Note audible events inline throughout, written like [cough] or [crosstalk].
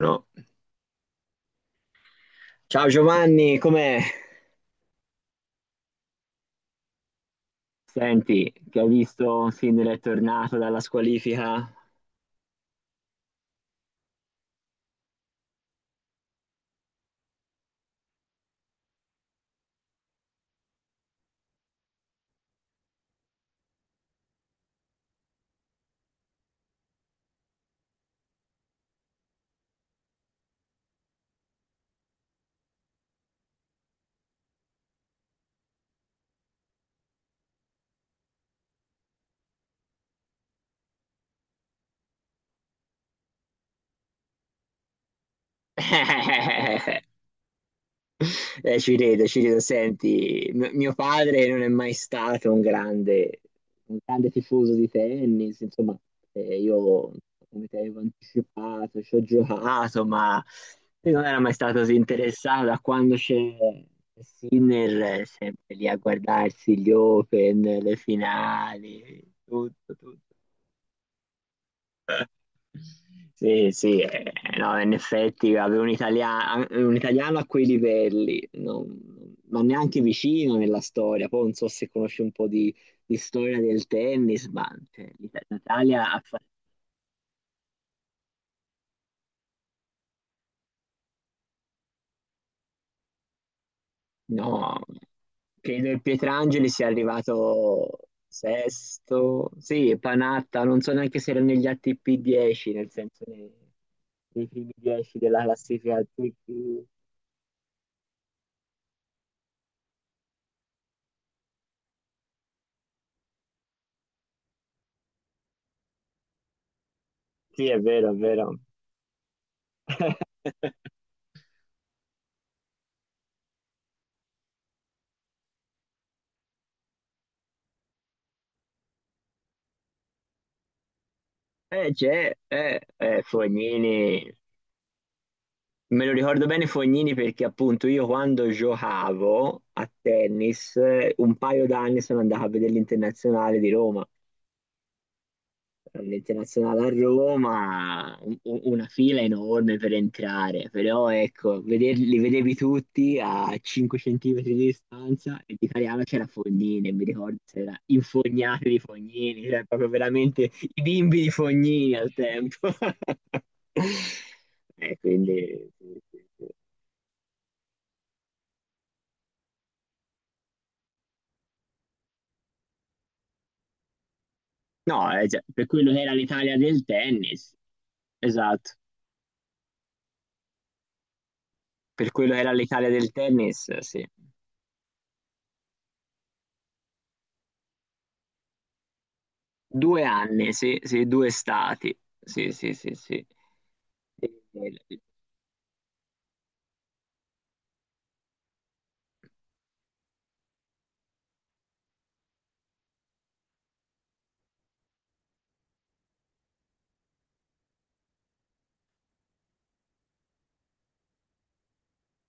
No. Ciao Giovanni, com'è? Senti, che ho visto un film è tornato dalla squalifica? [laughs] Ci rido, ci rido. Senti, mio padre non è mai stato un grande tifoso di tennis, insomma, io, come ti avevo anticipato, ci ho giocato, ma lui non era mai stato così interessato da quando c'è Sinner, sempre lì a guardarsi gli Open, le finali, tutto, tutto. Sì, sì, no, in effetti avere un italiano a quei livelli, non neanche vicino nella storia. Poi non so se conosci un po' di storia del tennis, ma cioè, l'Italia ha fatto... No, credo il Pietrangeli sia arrivato sesto, sì, Panatta, non so neanche se era negli ATP 10, nel senso nei, nei primi 10 della classifica ATP. Sì, è vero, è vero. [laughs] Fognini, me lo ricordo bene Fognini perché appunto io quando giocavo a tennis un paio d'anni sono andato a vedere l'Internazionale di Roma. L'internazionale a Roma, una fila enorme per entrare, però ecco, vederli, li vedevi tutti a 5 centimetri di distanza e di Cariano c'era Fognini, e mi ricordo c'era infognati di Fognini, c'era proprio veramente i bimbi di Fognini al tempo. [laughs] Quindi sì, sì, sì. No, cioè, per quello che era l'Italia del tennis, esatto, per quello che era l'Italia del tennis, sì. Due anni, sì, sì, due estati. Sì, sì, sì, sì. E-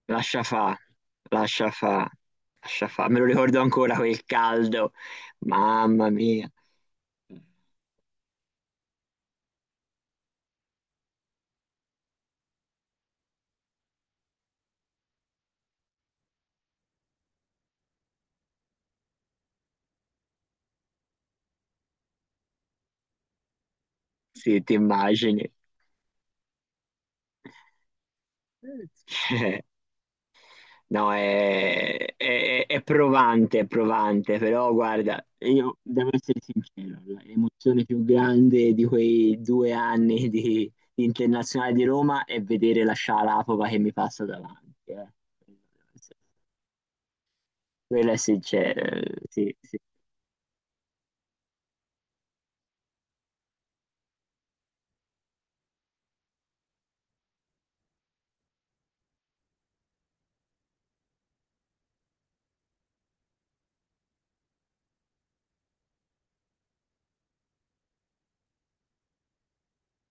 Lascia fa, lascia fa, lascia fa. Me lo ricordo ancora quel caldo. Mamma mia. Sì, ti immagini. [laughs] Cioè, no, è provante, però guarda, io devo essere sincero, l'emozione più grande di quei due anni [laughs] di Internazionale di Roma è vedere la Scialapova che mi passa davanti. Eh. Quella è sincera, sì, sì.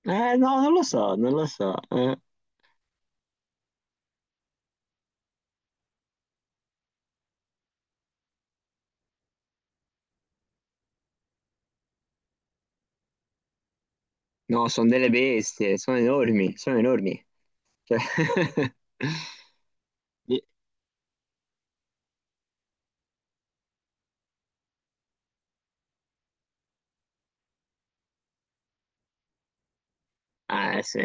No, non lo so, non lo so. Eh. No, sono delle bestie, sono enormi, sono enormi. Cioè... [laughs] sì.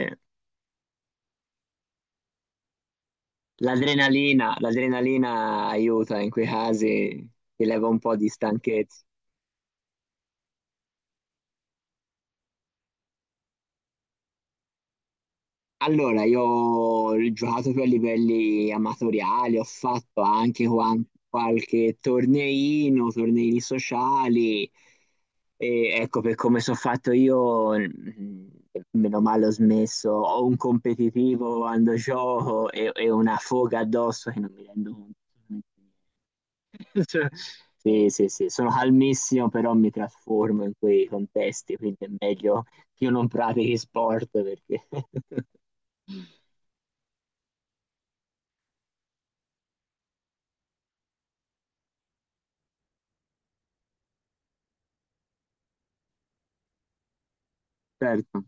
L'adrenalina, l'adrenalina aiuta in quei casi, ti leva un po' di stanchezza. Allora, io ho giocato per livelli amatoriali, ho fatto anche qualche torneino, torneini sociali. Ecco, per come sono fatto io, meno male ho smesso. Ho un competitivo quando gioco e una foga addosso che non mi rendo conto. [laughs] Cioè, sì, sì, sì, sono calmissimo, però mi trasformo in quei contesti, quindi è meglio che io non pratichi sport perché... [laughs] Certo,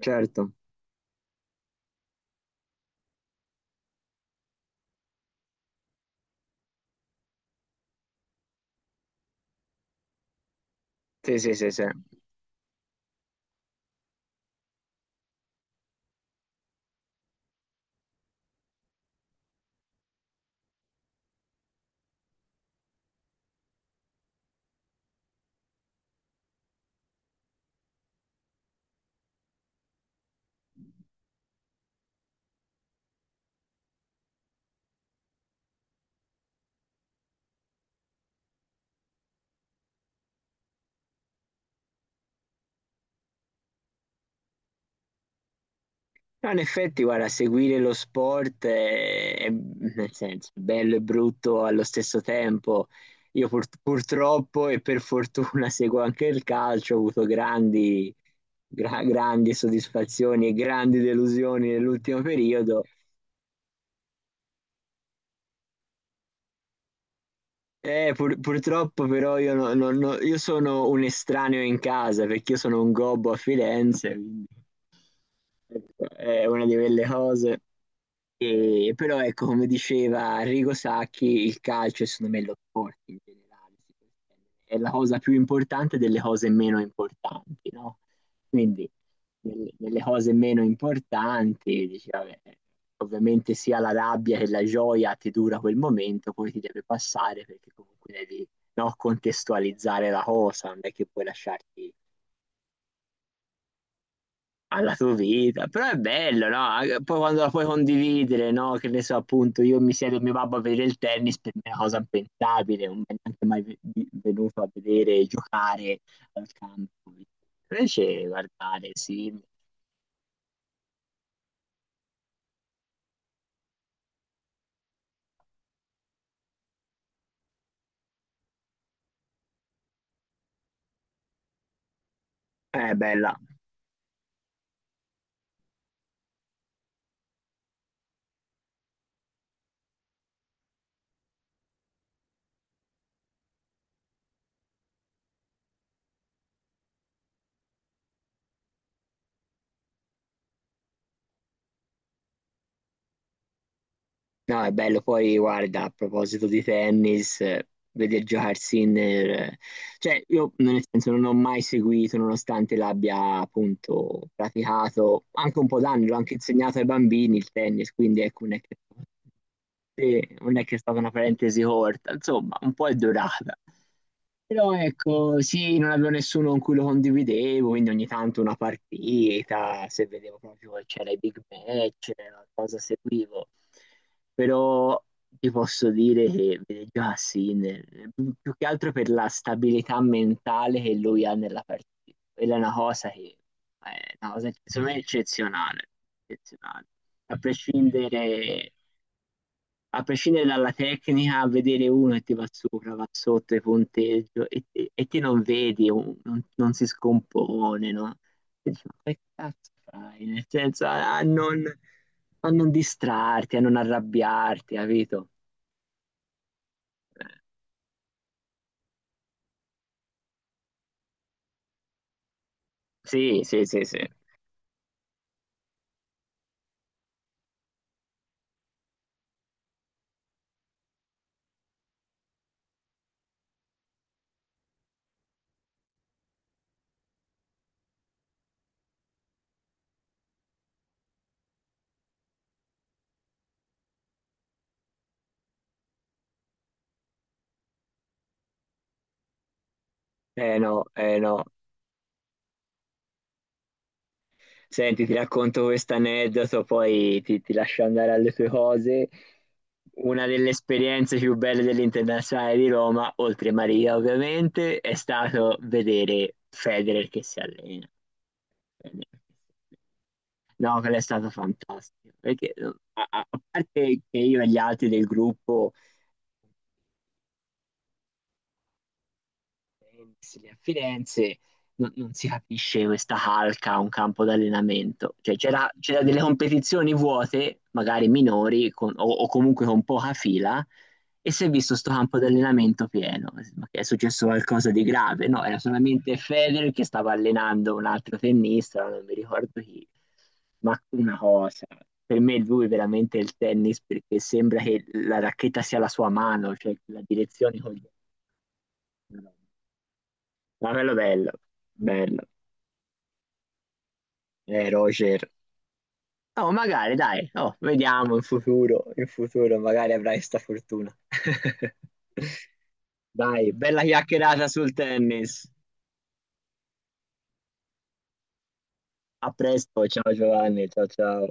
certo. Sì, sì, sì, sì. No, in effetti, guarda, seguire lo sport nel senso, bello e brutto allo stesso tempo. Io purtroppo e per fortuna [laughs] seguo anche il calcio, ho avuto grandi, grandi soddisfazioni e grandi delusioni nell'ultimo periodo. Purtroppo però io, no- no- no- io sono un estraneo in casa perché io sono un gobbo a Firenze, quindi ecco, è una di quelle cose. E però ecco, come diceva Arrigo Sacchi, il calcio e secondo me lo sport in generale si può estendere, è la cosa più importante delle cose meno importanti, no? Quindi nelle cose meno importanti, dici, vabbè, ovviamente sia la rabbia che la gioia ti dura quel momento, poi ti deve passare perché comunque devi, no, contestualizzare la cosa, non è che puoi lasciarti alla tua vita, però è bello, no? Anche- Poi quando la puoi condividere, no? Che ne so, appunto, io mi siedo con mio babbo a vedere il tennis, per me è una cosa impensabile, non mi è neanche mai venuto a vedere giocare al campo. Invece guardare, sì, è bella. No, è bello. Poi, guarda, a proposito di tennis, vedi giocare Sinner. Eh, cioè, io nel senso non ho mai seguito, nonostante l'abbia appunto praticato anche un po' d'anni, l'ho anche insegnato ai bambini il tennis, quindi ecco, non è che, sì, non è che è stata una parentesi corta, insomma, un po' è durata. Però ecco, sì, non avevo nessuno con cui lo condividevo, quindi ogni tanto una partita, se vedevo proprio che c'era i big match, la cosa seguivo. Però ti posso dire che vede già Sinner, più che altro per la stabilità mentale che lui ha nella partita. Quella è una cosa che è una cosa che secondo me è eccezionale, eccezionale. A prescindere a prescindere dalla tecnica, a vedere uno che ti va sopra, va sotto e punteggio e ti non vedi, non si scompone, no? E dici, ma che cazzo fai? Nel senso, a non distrarti, a non arrabbiarti, capito? Eh, Sì, sì, sì, sì. Eh no, eh no. Senti, ti racconto questo aneddoto, poi ti lascio andare alle tue cose. Una delle esperienze più belle dell'Internazionale di Roma, oltre Maria ovviamente, è stato vedere Federer che si allena. No, quello è stato fantastico, perché a parte che io e gli altri del gruppo Tennis lì a Firenze non si capisce questa calca a un campo d'allenamento. Cioè, c'era delle competizioni vuote, magari minori o comunque con poca fila, e si è visto sto campo d'allenamento pieno. Ma che è successo qualcosa di grave? No, era solamente Federer che stava allenando un altro tennista, non mi ricordo chi. Ma una cosa, per me lui è veramente il tennis perché sembra che la racchetta sia la sua mano, cioè la direzione con ma quello bello, bello. Roger. Oh, magari, dai. Oh, vediamo in futuro magari avrai sta fortuna. [laughs] Dai, bella chiacchierata sul tennis. A presto, ciao Giovanni, ciao ciao.